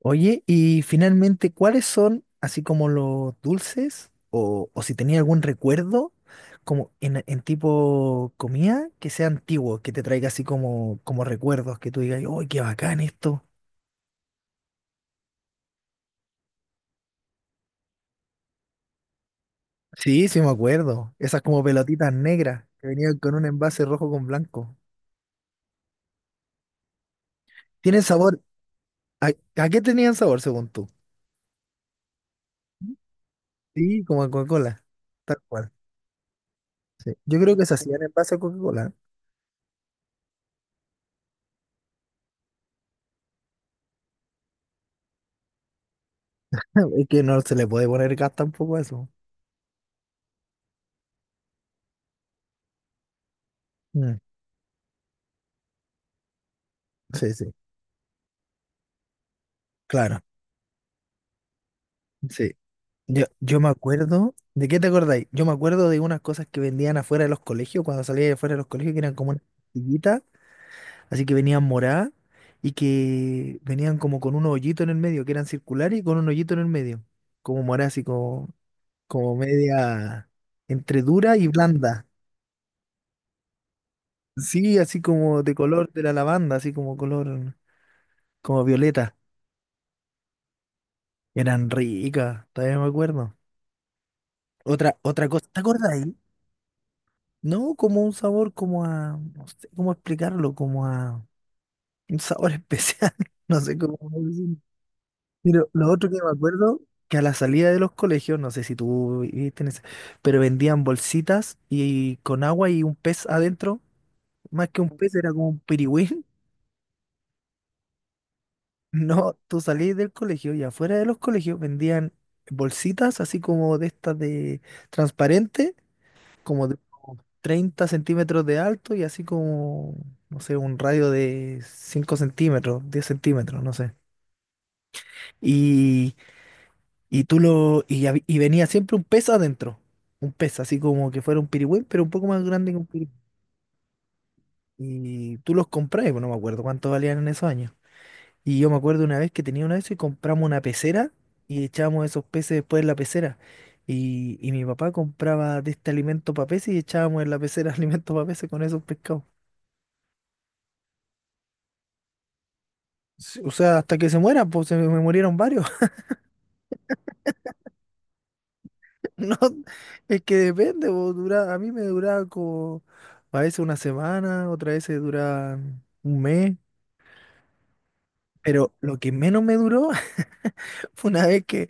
Oye, y finalmente, ¿cuáles son, así como los dulces, o si tenía algún recuerdo, como en tipo comida, que sea antiguo, que te traiga así como recuerdos, que tú digas, ¡ay, qué bacán esto! Sí, sí me acuerdo. Esas como pelotitas negras que venían con un envase rojo con blanco. ¿Tienen sabor? ¿A, a qué tenían sabor según tú? Sí, como a Coca-Cola, tal cual. Sí. Yo creo que se hacían en base a Coca-Cola. Es que no se le puede poner gas tampoco a eso. Mm, sí, sí. Claro, sí. Yo me acuerdo, ¿de qué te acordáis? Yo me acuerdo de unas cosas que vendían afuera de los colegios, cuando salía de afuera de los colegios, que eran como unas pastillitas, así que venían moradas y que venían como con un hoyito en el medio, que eran circulares y con un hoyito en el medio, como morada así como, como media entre dura y blanda. Sí, así como de color de la lavanda, así como color, como violeta. Eran ricas, todavía me acuerdo. Otra cosa, ¿te acordáis? No, como un sabor como a, no sé cómo explicarlo, como a un sabor especial, no sé cómo decirlo. Mira, lo otro que me acuerdo, que a la salida de los colegios, no sé si tú viviste en ese, pero vendían bolsitas y con agua y un pez adentro, más que un pez era como un pirigüín. No, tú salís del colegio y afuera de los colegios vendían bolsitas así como de estas de transparente como de unos 30 centímetros de alto y así como, no sé, un radio de 5 centímetros, 10 centímetros, no sé. Y, y tú y venía siempre un pez adentro, un pez, así como que fuera un pirigüín, pero un poco más grande que un pirigüín. Y tú los compras, pues no me acuerdo cuánto valían en esos años. Y yo me acuerdo una vez que tenía una de esas y compramos una pecera y echábamos esos peces después en la pecera. Y mi papá compraba de este alimento para peces y echábamos en la pecera alimento para peces con esos pescados. Sí, o sea, hasta que se muera, pues se me murieron varios. No, es que depende, pues, dura, a mí me duraba como a veces una semana, otras veces dura un mes. Pero lo que menos me duró fue una vez que,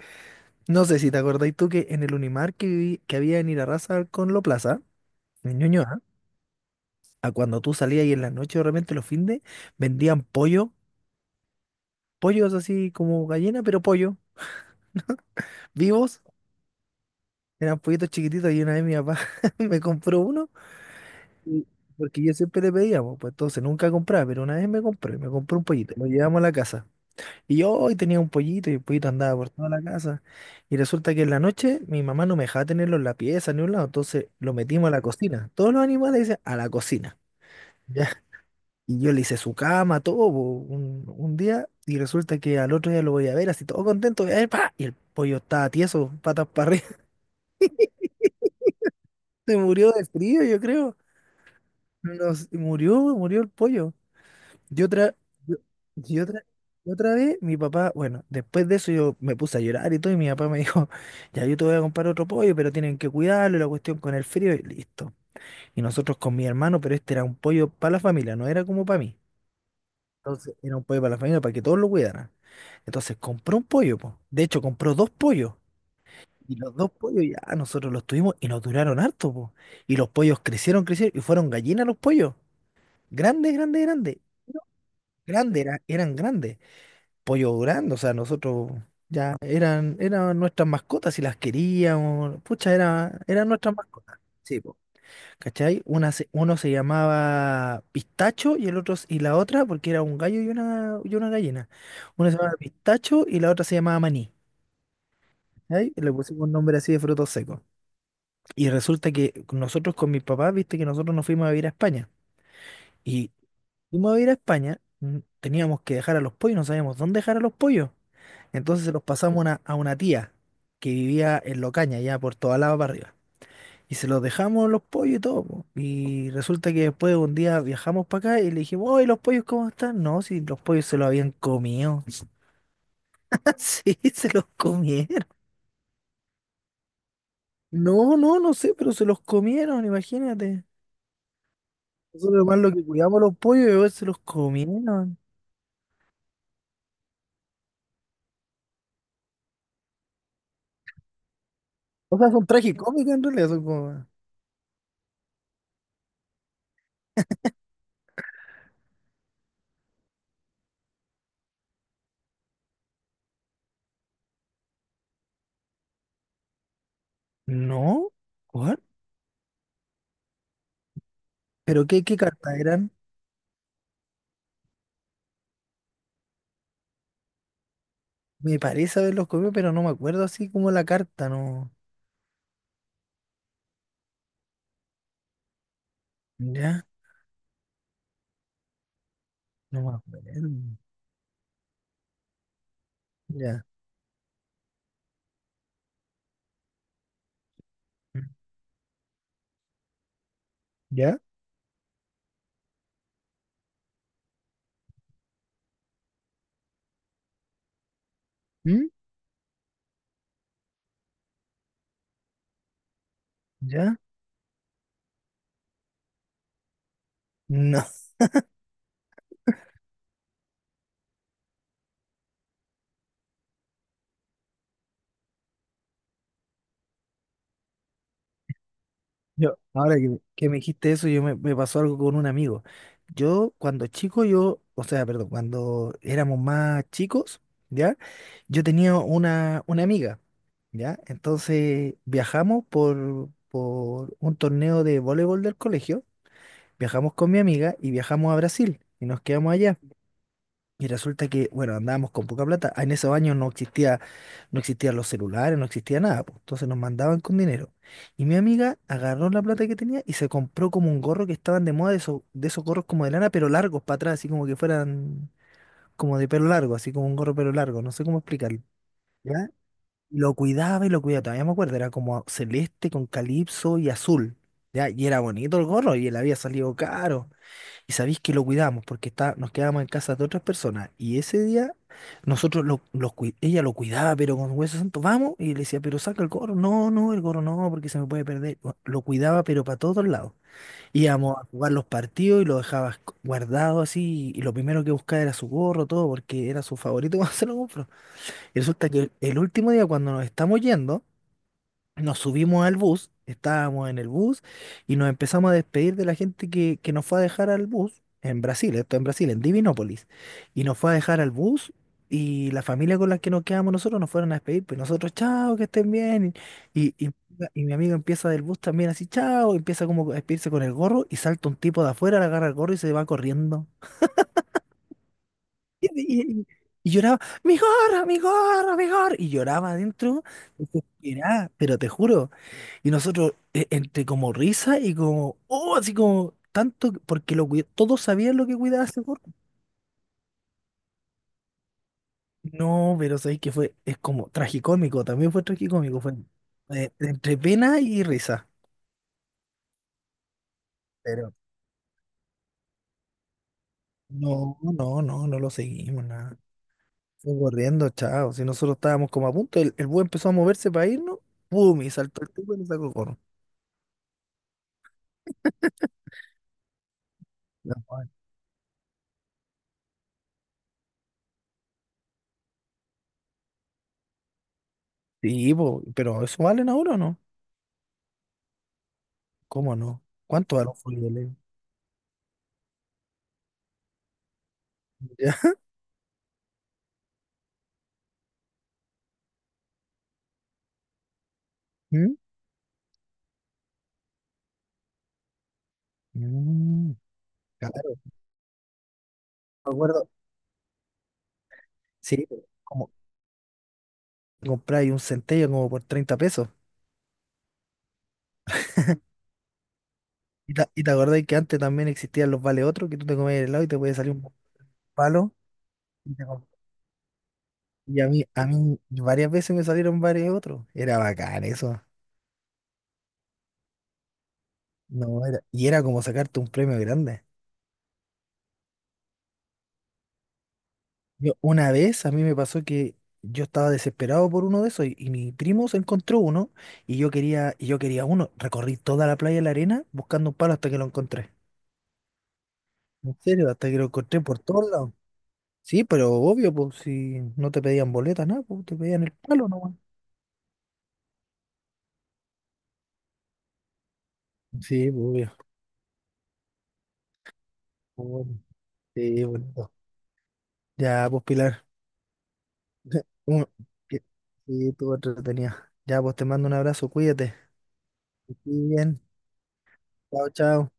no sé si te acordáis tú que en el Unimar que viví, que había en Irarrázaval con Lo Plaza, en Ñuñoa, a cuando tú salías y en la noche de repente los findes, vendían pollo, pollos así como gallina, pero pollo, vivos, eran pollitos chiquititos y una vez mi papá me compró uno. Y- Porque yo siempre le pedía, po, pues entonces nunca compraba, pero una vez me compré un pollito, lo llevamos a la casa. Y yo hoy tenía un pollito y el pollito andaba por toda la casa. Y resulta que en la noche mi mamá no me dejaba tenerlo en la pieza ni un lado, entonces lo metimos a la cocina. Todos los animales dicen a la cocina. ¿Ya? Y yo le hice su cama, todo, po, un día, y resulta que al otro día lo voy a ver, así todo contento, voy a ver, ¡pa! Y el pollo estaba tieso, patas para arriba. Se murió de frío, yo creo. Nos, murió el pollo. Y otra, yo- y otra, y otra vez mi papá, bueno, después de eso yo me puse a llorar y todo, y mi papá me dijo, ya yo te voy a comprar otro pollo, pero tienen que cuidarlo, y la cuestión con el frío, y listo. Y nosotros con mi hermano, pero este era un pollo para la familia, no era como para mí. Entonces era un pollo para la familia, para que todos lo cuidaran. Entonces compró un pollo, po. De hecho, compró dos pollos. Y los dos pollos ya nosotros los tuvimos y nos duraron harto, po. Y los pollos crecieron, crecieron y fueron gallinas los pollos. Grandes, grandes, grandes. Grandes, eran grandes. Pollo grande, o sea, nosotros ya eran nuestras mascotas y las queríamos, pucha, eran nuestras mascotas. Sí, po. ¿Cachai? Uno se llamaba Pistacho y y la otra, porque era un gallo y una gallina. Una se llamaba Pistacho y la otra se llamaba Maní. ¿Cachai? Y le pusimos un nombre así de frutos secos. Y resulta que nosotros con mis papás, viste que nosotros nos fuimos a vivir a España. Y y fuimos a ir a España, teníamos que dejar a los pollos, no sabíamos dónde dejar a los pollos. Entonces se los pasamos a una tía que vivía en Locaña, ya por toda la para arriba. Y se los dejamos los pollos y todo, po. Y resulta que después un día viajamos para acá y le dijimos, oye, ¿los pollos cómo están? No, si los pollos se los habían comido. Sí, se los comieron. No, no, no sé, pero se los comieron, imagínate. Nosotros más lo que cuidamos a los pollos y se los comieron. O sea, son tragicómicas en realidad, son como... No, ¿cuál? ¿Pero qué, qué carta eran? Me parece haberlos comido, pero no me acuerdo así como la carta, no. Ya, no me acuerdo. Ya. ¿Ya? ¿Mm? ¿Ya? No. Yo, ahora que me dijiste eso, yo me pasó algo con un amigo. Yo, cuando chico, yo, o sea, perdón, cuando éramos más chicos, ¿ya? Yo tenía una amiga, ¿ya? Entonces viajamos por un torneo de voleibol del colegio. Viajamos con mi amiga y viajamos a Brasil y nos quedamos allá. Y resulta que, bueno, andábamos con poca plata. Ah, en esos años no existían los celulares, no existía nada, pues. Entonces nos mandaban con dinero. Y mi amiga agarró la plata que tenía y se compró como un gorro que estaban de moda de esos gorros como de lana, pero largos para atrás, así como que fueran como de pelo largo, así como un gorro pero largo, no sé cómo explicarlo. ¿Ya? Y lo cuidaba y lo cuidaba, todavía me acuerdo, era como celeste con calipso y azul. ¿Ya? Y era bonito el gorro y él había salido caro. Y sabéis que lo cuidamos porque está, nos quedábamos en casa de otras personas. Y ese día nosotros ella lo cuidaba, pero con hueso santo, vamos. Y le decía, pero saca el gorro. No, no, el gorro no, porque se me puede perder. Bueno, lo cuidaba, pero para todos lados. Íbamos a jugar los partidos y lo dejaba guardado así. Y lo primero que buscaba era su gorro, todo, porque era su favorito cuando se lo compró. Y resulta que el último día, cuando nos estamos yendo, nos subimos al bus, estábamos en el bus y nos empezamos a despedir de la gente que nos fue a dejar al bus en Brasil, esto en Brasil, en Divinópolis. Y nos fue a dejar al bus y la familia con la que nos quedamos nosotros nos fueron a despedir, pues nosotros, chao, que estén bien. Y, y, y mi amigo empieza del bus también así, chao, empieza como a despedirse con el gorro y salta un tipo de afuera, le agarra el gorro y se va corriendo. Y, y- y- y lloraba, mi gorro, mi gorro, mi gorro. Y lloraba adentro, desesperada, pero te juro. Y nosotros, entre como risa y como, oh, así como tanto, que- porque lo cuid- todos sabían lo que cuidaba ese cuerpo. No, pero sabéis que fue, es como tragicómico, también fue tragicómico, fue entre pena y risa. Pero no, no, no, no lo seguimos, nada. Fue corriendo, chao. Si nosotros estábamos como a punto, el búho empezó a moverse para irnos, ¡pum! Y saltó el tipo y nos sacó corno. No, bueno. Sí, po, pero ¿eso valen ahora o no? ¿Cómo no? ¿Cuánto valen fue el- ¿ya? ¿Mm? Mm, claro. Me acuerdo, sí, como compráis un centello como por 30 pesos. Y, ta- y te acordáis que antes también existían los vale otro, que tú te comías el helado y te podía salir un palo. Y, y a mí varias veces me salieron varios otros. Era bacán eso. No, era, y era como sacarte un premio grande. Yo, una vez a mí me pasó que yo estaba desesperado por uno de esos y mi primo se encontró uno y yo quería uno. Recorrí toda la playa de la arena buscando un palo hasta que lo encontré. En serio, hasta que lo encontré por todos lados. Sí, pero obvio, pues si no te pedían boletas, nada, pues te pedían el palo nomás. Sí, pues obvio. Bueno, sí, bonito. Ya, pues Pilar. Un- que- sí, tú entretenida. Ya, pues te mando un abrazo, cuídate. Que estés bien. Chao, chao.